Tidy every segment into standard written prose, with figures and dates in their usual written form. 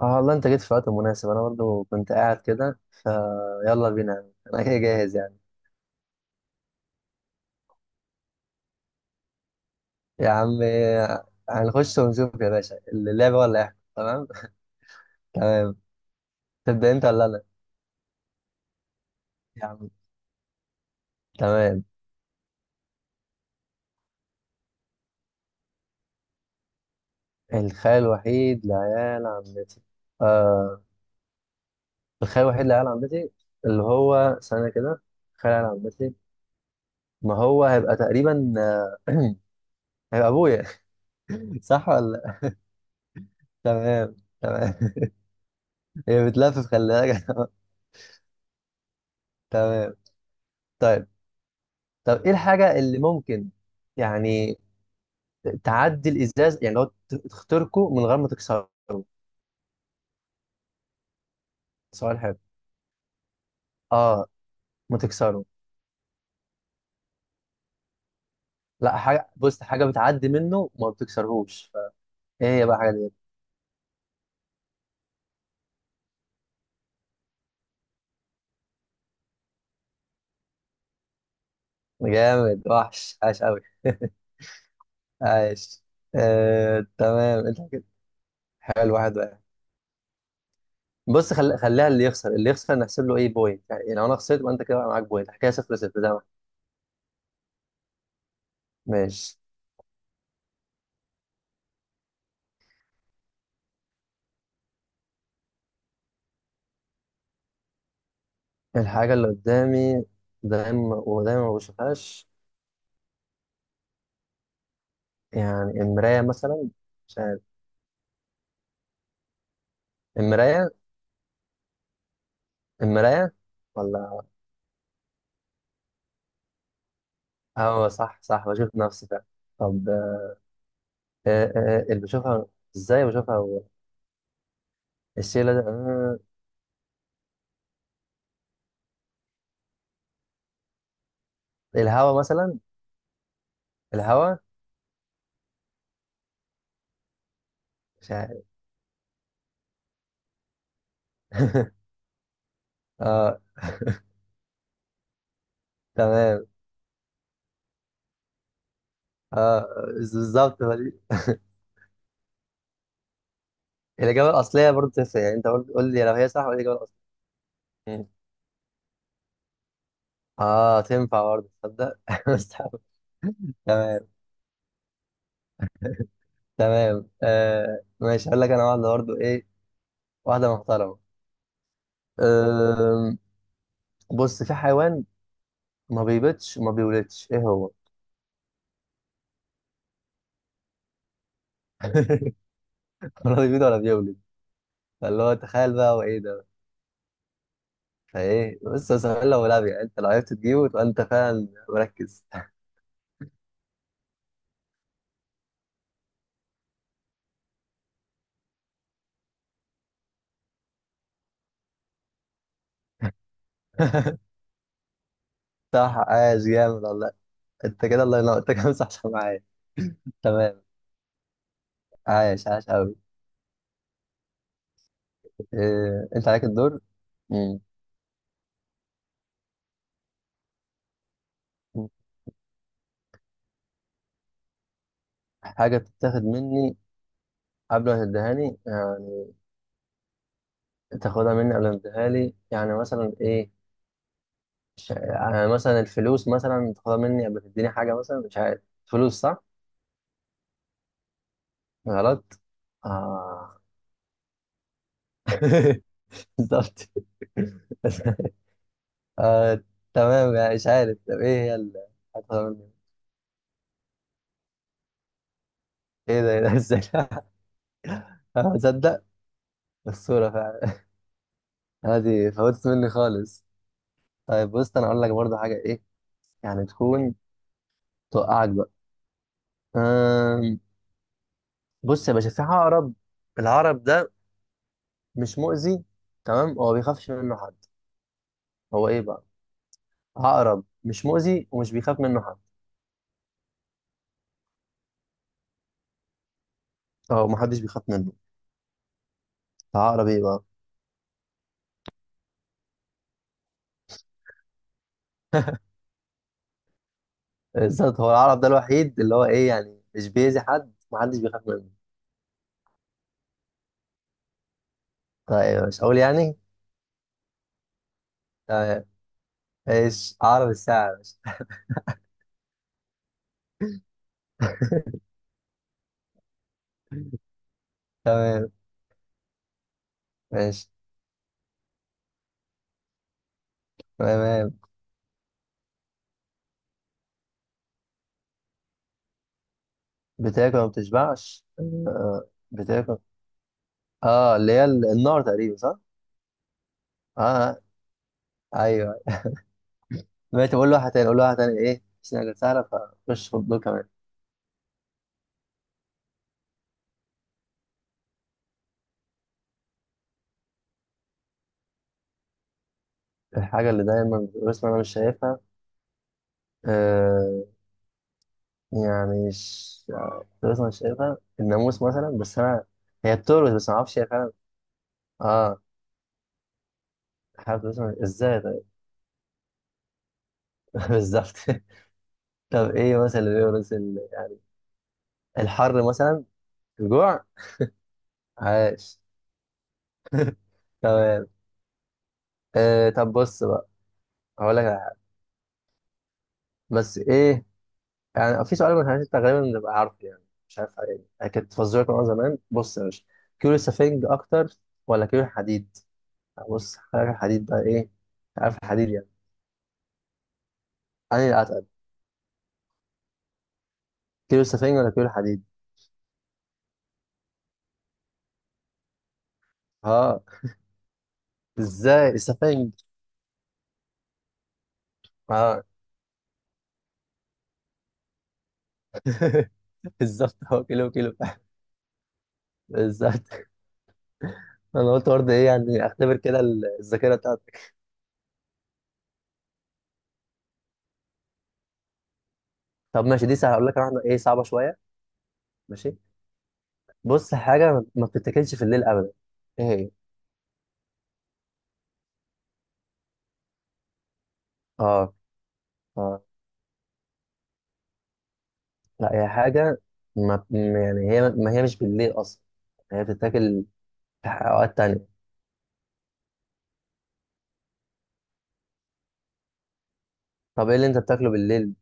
اه، والله انت جيت في وقت مناسب. انا برضو كنت قاعد كده فيلا بينا، انا كده جاهز يعني. يا عم هنخش ونشوف يا باشا، اللعبة ولا احنا تمام؟ تمام. تبدأ انت ولا انا؟ يا عم. تمام. الخال الوحيد لعيال عمتي. آه. الخال الوحيد لعيال عمتي اللي هو سنة كده. خال عيال عمتي، ما هو هيبقى تقريبا هيبقى ابويا. صح ولا؟ تمام. تمام. هي بتلفف، خلي بالك. تمام. طيب. طب ايه الحاجة اللي ممكن يعني تعدي الازاز، يعني لو تخترقه من غير ما تكسره؟ سؤال حلو. اه، ما تكسره. لا، حاجة، بص حاجة بتعدي منه وما بتكسرهوش. ايه هي بقى الحاجة دي؟ جامد وحش. عاش قوي. عاش. تمام انت كده. حلو. واحد واحد. بص خليها، اللي يخسر اللي يخسر نحسب له ايه بوينت. يعني لو انا خسرت يبقى انت كده بقى معاك بوينت. حكايه صفر صفر زي ما احنا. ماشي. الحاجه اللي قدامي دايما ودايما ما بشوفهاش. يعني المراية مثلا، مش عارف. المراية. المراية ولا. اه، صح صح، بشوف نفسي فعلا. طب اللي بشوفها، ازاي بشوفها هو؟ الشيلة ده، الهوا مثلا. الهوا. مش عارف. اه، تمام. اه بالظبط الإجابة الأصلية برضه تنفع. يعني أنت قول قول لي لو هي صح ولا الإجابة الأصلية. مم. اه، تنفع برضه، تصدق. مستحب. تمام. تمام، ماشي. هقول لك أنا واحدة برضه، واحدة محترمة. بص في حيوان ما بيبيضش وما بيولدش، ايه هو؟ ولا بيبيض ولا بيولد. فاللي هو تخيل بقى هو ايه ده. فايه بص سهل، لو لعب يعني، انت لو عرفت تجيبه تبقى انت فعلا مركز. صح. عايش جامد والله. انت كده الله ينور. انت كده صح صح معايا. تمام. عايش. عايش قوي. انت عليك الدور. مم. حاجة تتاخد مني قبل ما تديهاني يعني. تاخدها مني قبل ما تديها لي، يعني مثلا ايه. يعني مثلا الفلوس، مثلا تاخدها مني قبل ما تديني حاجة، مثلا مش عارف. فلوس صح؟ غلط؟ آه. بالظبط. آه تمام، يعني مش عارف. طب ايه هي اللي هتاخدها مني؟ ايه ده، ايه ده ازاي؟ تصدق. الصورة فعلا. هذه فوتت مني خالص. طيب، بص انا اقول لك برضه حاجة، ايه يعني تكون توقعك بقى. آم، بص يا باشا في عقرب. العقرب ده مش مؤذي، تمام، هو بيخافش منه حد. هو ايه بقى؟ عقرب مش مؤذي ومش بيخاف منه حد. اه، محدش بيخاف منه. عقرب ايه بقى؟ بالظبط، هو العقرب ده الوحيد اللي هو ايه يعني مش بيأذي حد، محدش بيخاف منه. طيب مش هقول يعني. تمام. ايش عقرب الساعة يا باشا. تمام. ماشي. تمام. بتاكل ما بتشبعش. بتاكل. اه اللي هي النار تقريبا، صح؟ اه، ايوه. دلوقتي بقول له واحدة تاني، اقول له واحدة تاني، ايه مش حاجة سهلة. فخش في الدور كمان. الحاجة اللي دايما بس انا مش شايفها. آه، يعني مش فلوس مش شايفها، الناموس مثلا بس انا، هي بترقص بس ما اعرفش هي فعلا. اه، حابب فلوس ازاي طيب. بالظبط. طب ايه مثلا اللي بيورث يعني الحر مثلا. الجوع. عاش. تمام. طب بص بقى، هقول لك على حاجة. بس ايه يعني، في سؤال ما انت غالبا بتبقى عارفه يعني، مش عارف عليه. انا كنت فزورك من وأنا زمان. بص يا باشا، كيلو سفنج اكتر ولا كيلو حديد؟ بص حاجه الحديد بقى ايه، عارف الحديد يعني. انا كيلو سفنج ولا كيلو حديد. اه، ازاي السفنج. اه، بالظبط، هو كيلو كيلو. بالظبط. انا قلت برضه ايه يعني اختبر كده الذاكره بتاعتك. طب ماشي دي سهله، هقول لك واحده ايه صعبه شويه. ماشي. بص حاجه ما بتتاكلش في الليل ابدا. ايه هي؟ اه. اه. لا، هي حاجه ما م- يعني هي، ما هي مش بالليل اصلا، هي بتتاكل في اوقات تانية. طب ايه اللي انت بتاكله بالليل.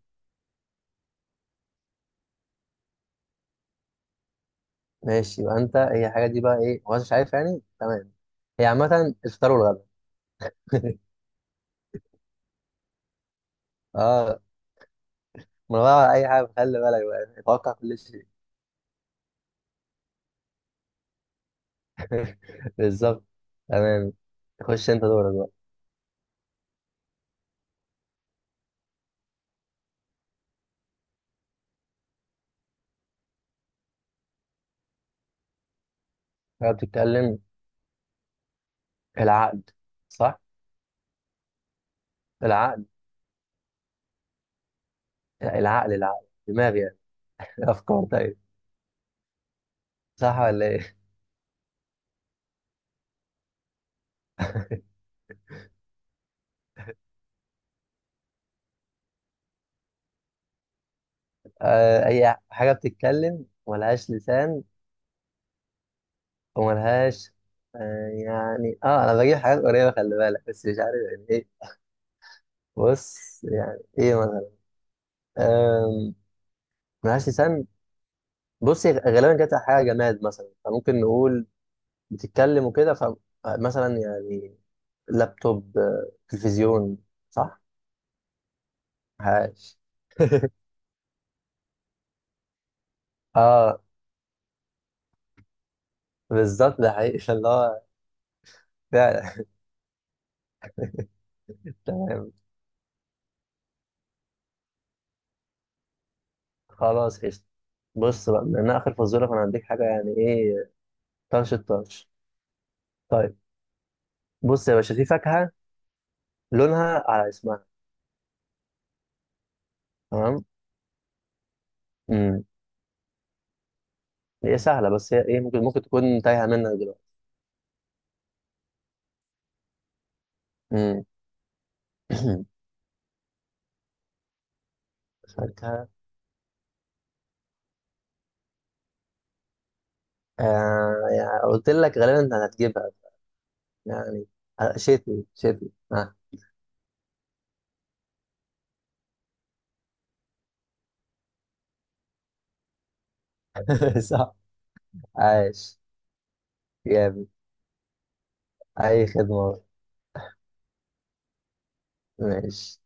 ماشي، يبقى انت هي الحاجه دي بقى ايه، هو أنت مش عارف يعني، تمام. هي عامه الفطار والغدا. اه. من غير على اي حاجه، خلي بالك بقى، اتوقع كل شيء. بالظبط. تمام. خش انت دورك بقى. انا بتتكلم. العقد. صح. العقد. العقل. العقل دماغ يعني. افكار. طيب. صح ولا ايه؟ آه، اي حاجه بتتكلم ملهاش لسان وملهاش. يعني اه، انا بجيب حاجات قريبه، خلي بالك، بس مش عارف يعني ايه. بص يعني ايه مثلا. آم، ملهاش لسان. بص غالبا كانت حاجه جماد مثلا، فممكن نقول بتتكلم وكده، فمثلا يعني لابتوب، تلفزيون، صح؟ عاش. اه بالظبط ده حقيقي اللي هو. فعلا. تمام. خلاص قشطة. بص بقى، من اخر فزوره، فانا هديك حاجه يعني ايه طرش الطرش. طيب، بص يا باشا في فاكهه لونها على اسمها. تمام. امم هي سهله بس هي ايه، ممكن تكون تايهه منك دلوقتي. امم فاكهه. يعني قلت لك غالبا انت هتجيبها يعني. شتوي شتوي. آه. صح. عاش جامد. أي خدمة. ماشي.